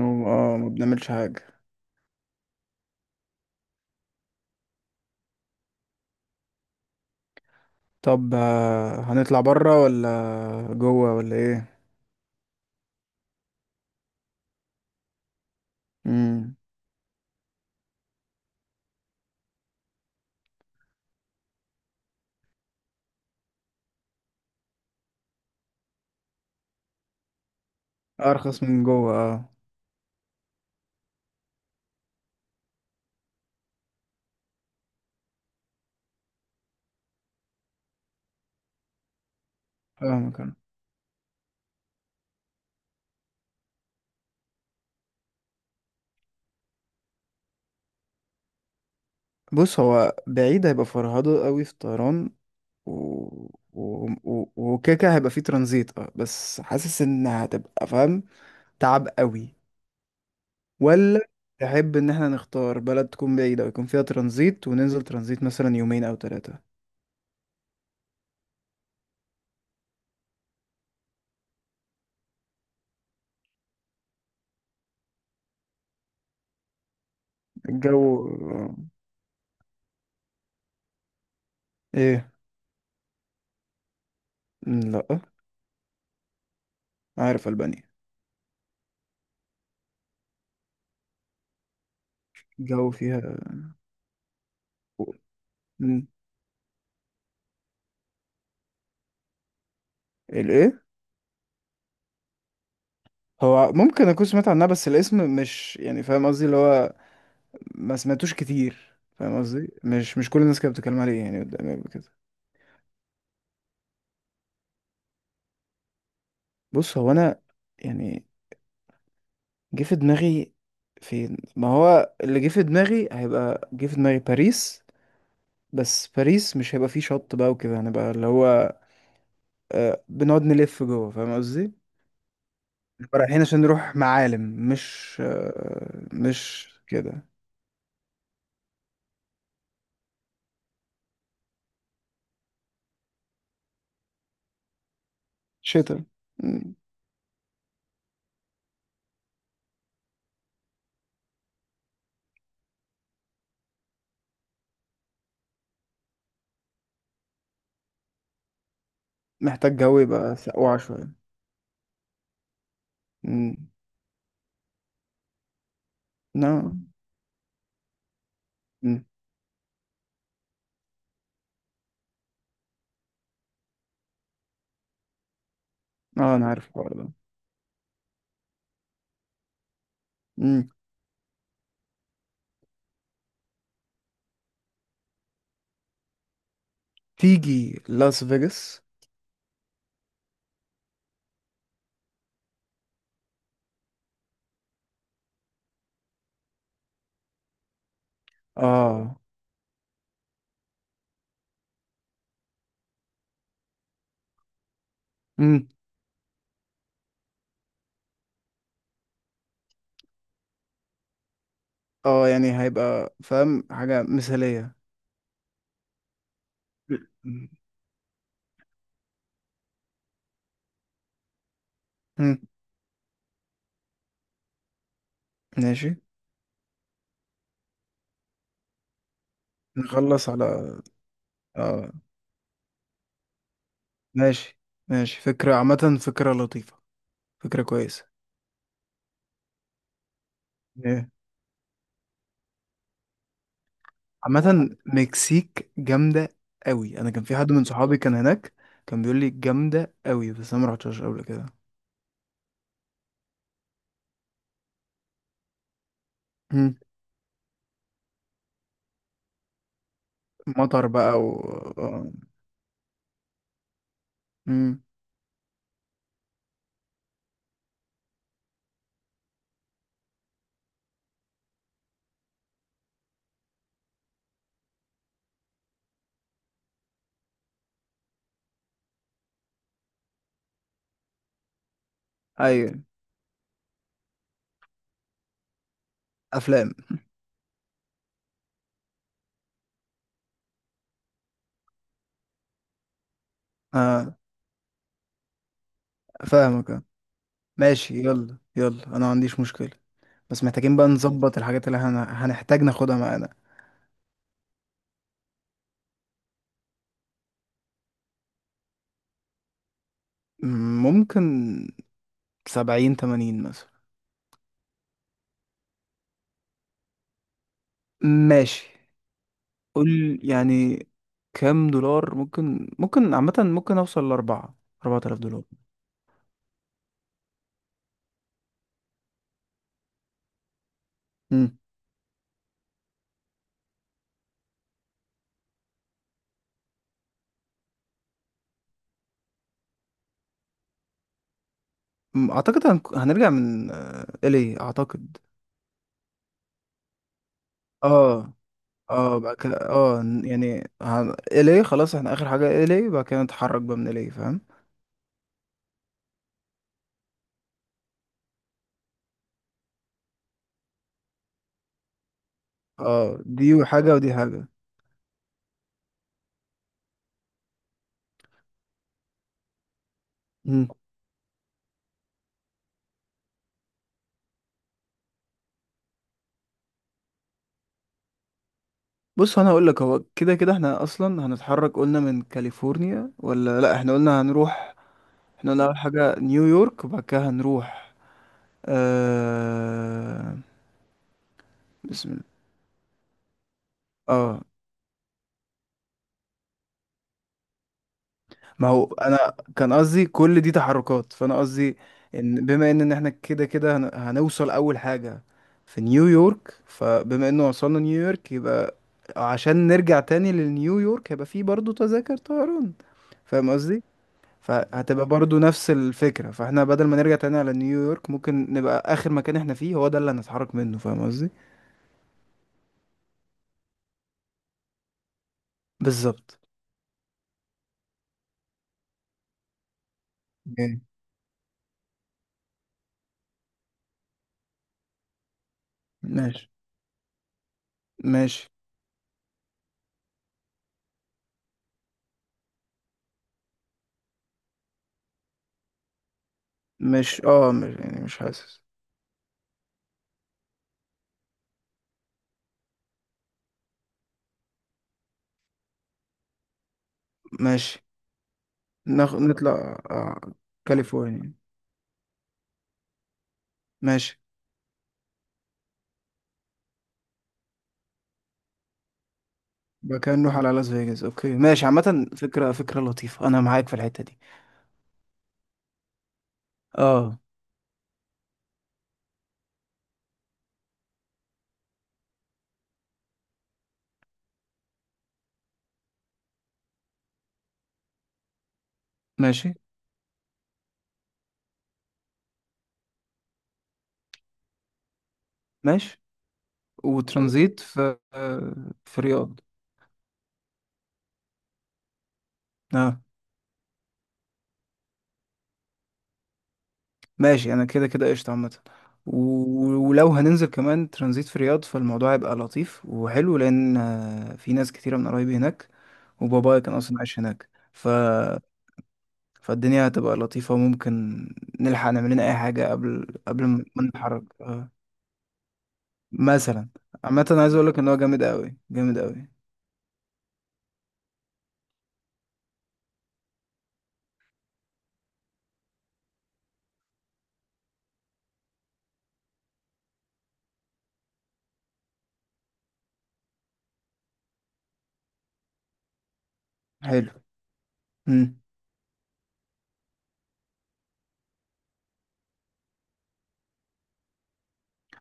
ما بنعملش حاجة. طب، هنطلع برا ولا جوه ولا ايه؟ امم. ارخص من جوه اه. فاهمك انا. بص، هو بعيد هيبقى فرهضة قوي في الطيران. و... وكيكة هيبقى فيه ترانزيت اه، بس حاسس ان هتبقى فاهم تعب قوي. ولا تحب ان احنا نختار بلد تكون بعيدة ويكون فيها ترانزيت وننزل ترانزيت مثلا يومين او 3؟ الجو، آه، ايه؟ مم، لا. عارف ألبانيا. الجو فيها. الايه؟ هو ممكن اكون سمعت عنها بس الاسم مش يعني فاهم قصدي اللي هو ما سمعتوش كتير، فاهم قصدي، مش مش كل الناس كانت بتتكلم عليه يعني قدامي قبل كده. بص، هو انا يعني جه في دماغي فين. ما هو اللي جه في دماغي هيبقى جه في دماغي باريس. بس باريس مش هيبقى فيه شط بقى وكده، هنبقى اللي هو بنقعد نلف جوه، فاهم قصدي. نبقى رايحين عشان نروح معالم، مش كده. شتا. مم. محتاج جو يبقى سقوعة شوية. مم. لا. مم. اه، انا عارف الحوار ده. مم. تيجي لاس فيجاس. اه. مم. اه، يعني هيبقى فاهم حاجة مثالية. مم. مم. ماشي، نخلص على اه ماشي. ماشي، فكرة عامة، فكرة لطيفة، فكرة كويسة. إيه. عامة، مكسيك جامدة قوي. انا كان في حد من صحابي كان هناك، كان بيقول لي جامدة قوي بس انا ما رحتش قبل كده. مم. مطر بقى. و آه. مم. ايوه، افلام. اه، فاهمك، آه. ماشي، يلا يلا، انا ما عنديش مشكلة. بس محتاجين بقى نظبط الحاجات اللي هنحتاج ناخدها معانا. ممكن. 70 80 مثلا. ماشي. قول يعني كام دولار. ممكن، عامة ممكن اوصل 4000 دولار. مم. أعتقد هنرجع من إلي أعتقد. اه، اه بقى كده، اه يعني إلي، خلاص احنا آخر حاجة إلي، بقى كده نتحرك بقى من إلي، فاهم. اه، دي حاجة ودي حاجة. بص انا هقول لك، هو كده كده احنا اصلا هنتحرك. قلنا من كاليفورنيا ولا لا؟ احنا قلنا هنروح. احنا قلنا اول حاجه نيويورك وبعد كده هنروح. آه... بسم الله. اه، ما هو انا كان قصدي كل دي تحركات، فانا قصدي بما إن احنا كده كده هنوصل اول حاجه في نيويورك، فبما انه وصلنا نيويورك يبقى عشان نرجع تاني لنيويورك هيبقى فيه برضه تذاكر طيران، فاهم قصدي. فهتبقى برضو نفس الفكرة، فاحنا بدل ما نرجع تاني على نيويورك ممكن نبقى آخر مكان احنا فيه هو ده اللي هنتحرك منه، فاهم قصدي؟ بالظبط. يعني، ماشي، ماشي. مش يعني مش حاسس. ماشي، نطلع. كاليفورنيا. ماشي، يبقى كده نروح على لاس فيجاس. اوكي، ماشي، عامة، فكرة لطيفة، انا معاك في الحتة دي. اه، ماشي، ماشي. وترانزيت في رياض. اه، ماشي. انا كده كده قشطة عامة. ولو هننزل كمان ترانزيت في الرياض، فالموضوع هيبقى لطيف وحلو، لان في ناس كتيرة من قرايبي هناك، وبابايا كان اصلا عايش هناك. فالدنيا هتبقى لطيفة، وممكن نلحق نعمل لنا اي حاجة قبل ما نتحرك. مثلا. عامة، أنا عايز اقول لك ان هو جامد قوي جامد قوي. حلو. امم.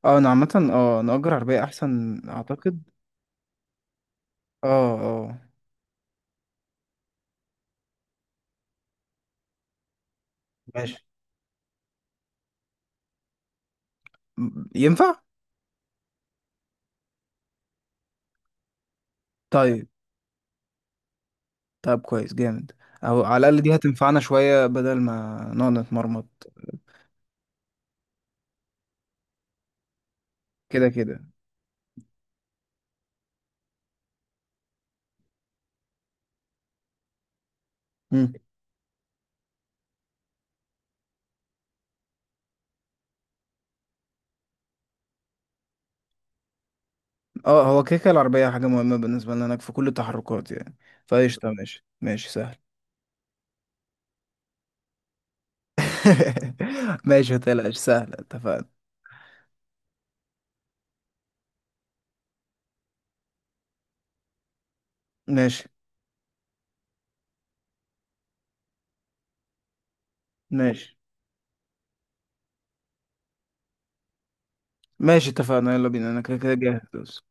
اه، انا عامة نأجر عربية احسن، اعتقد. اه، اه، ماشي. ينفع. طيب. طب كويس جامد. او على الاقل دي هتنفعنا شويه بدل ما نقعد نتمرمط. كده كده. مم. اه، هو كده كده العربيه حاجه مهمه بالنسبه لنا هناك في كل التحركات يعني. فقشطه، ماشي، ماشي، سهل. ماشي، متقلقش، سهل، اتفقنا. ماشي. ماشي. ماشي، اتفقنا، يلا بينا، انا كده كده جاهز.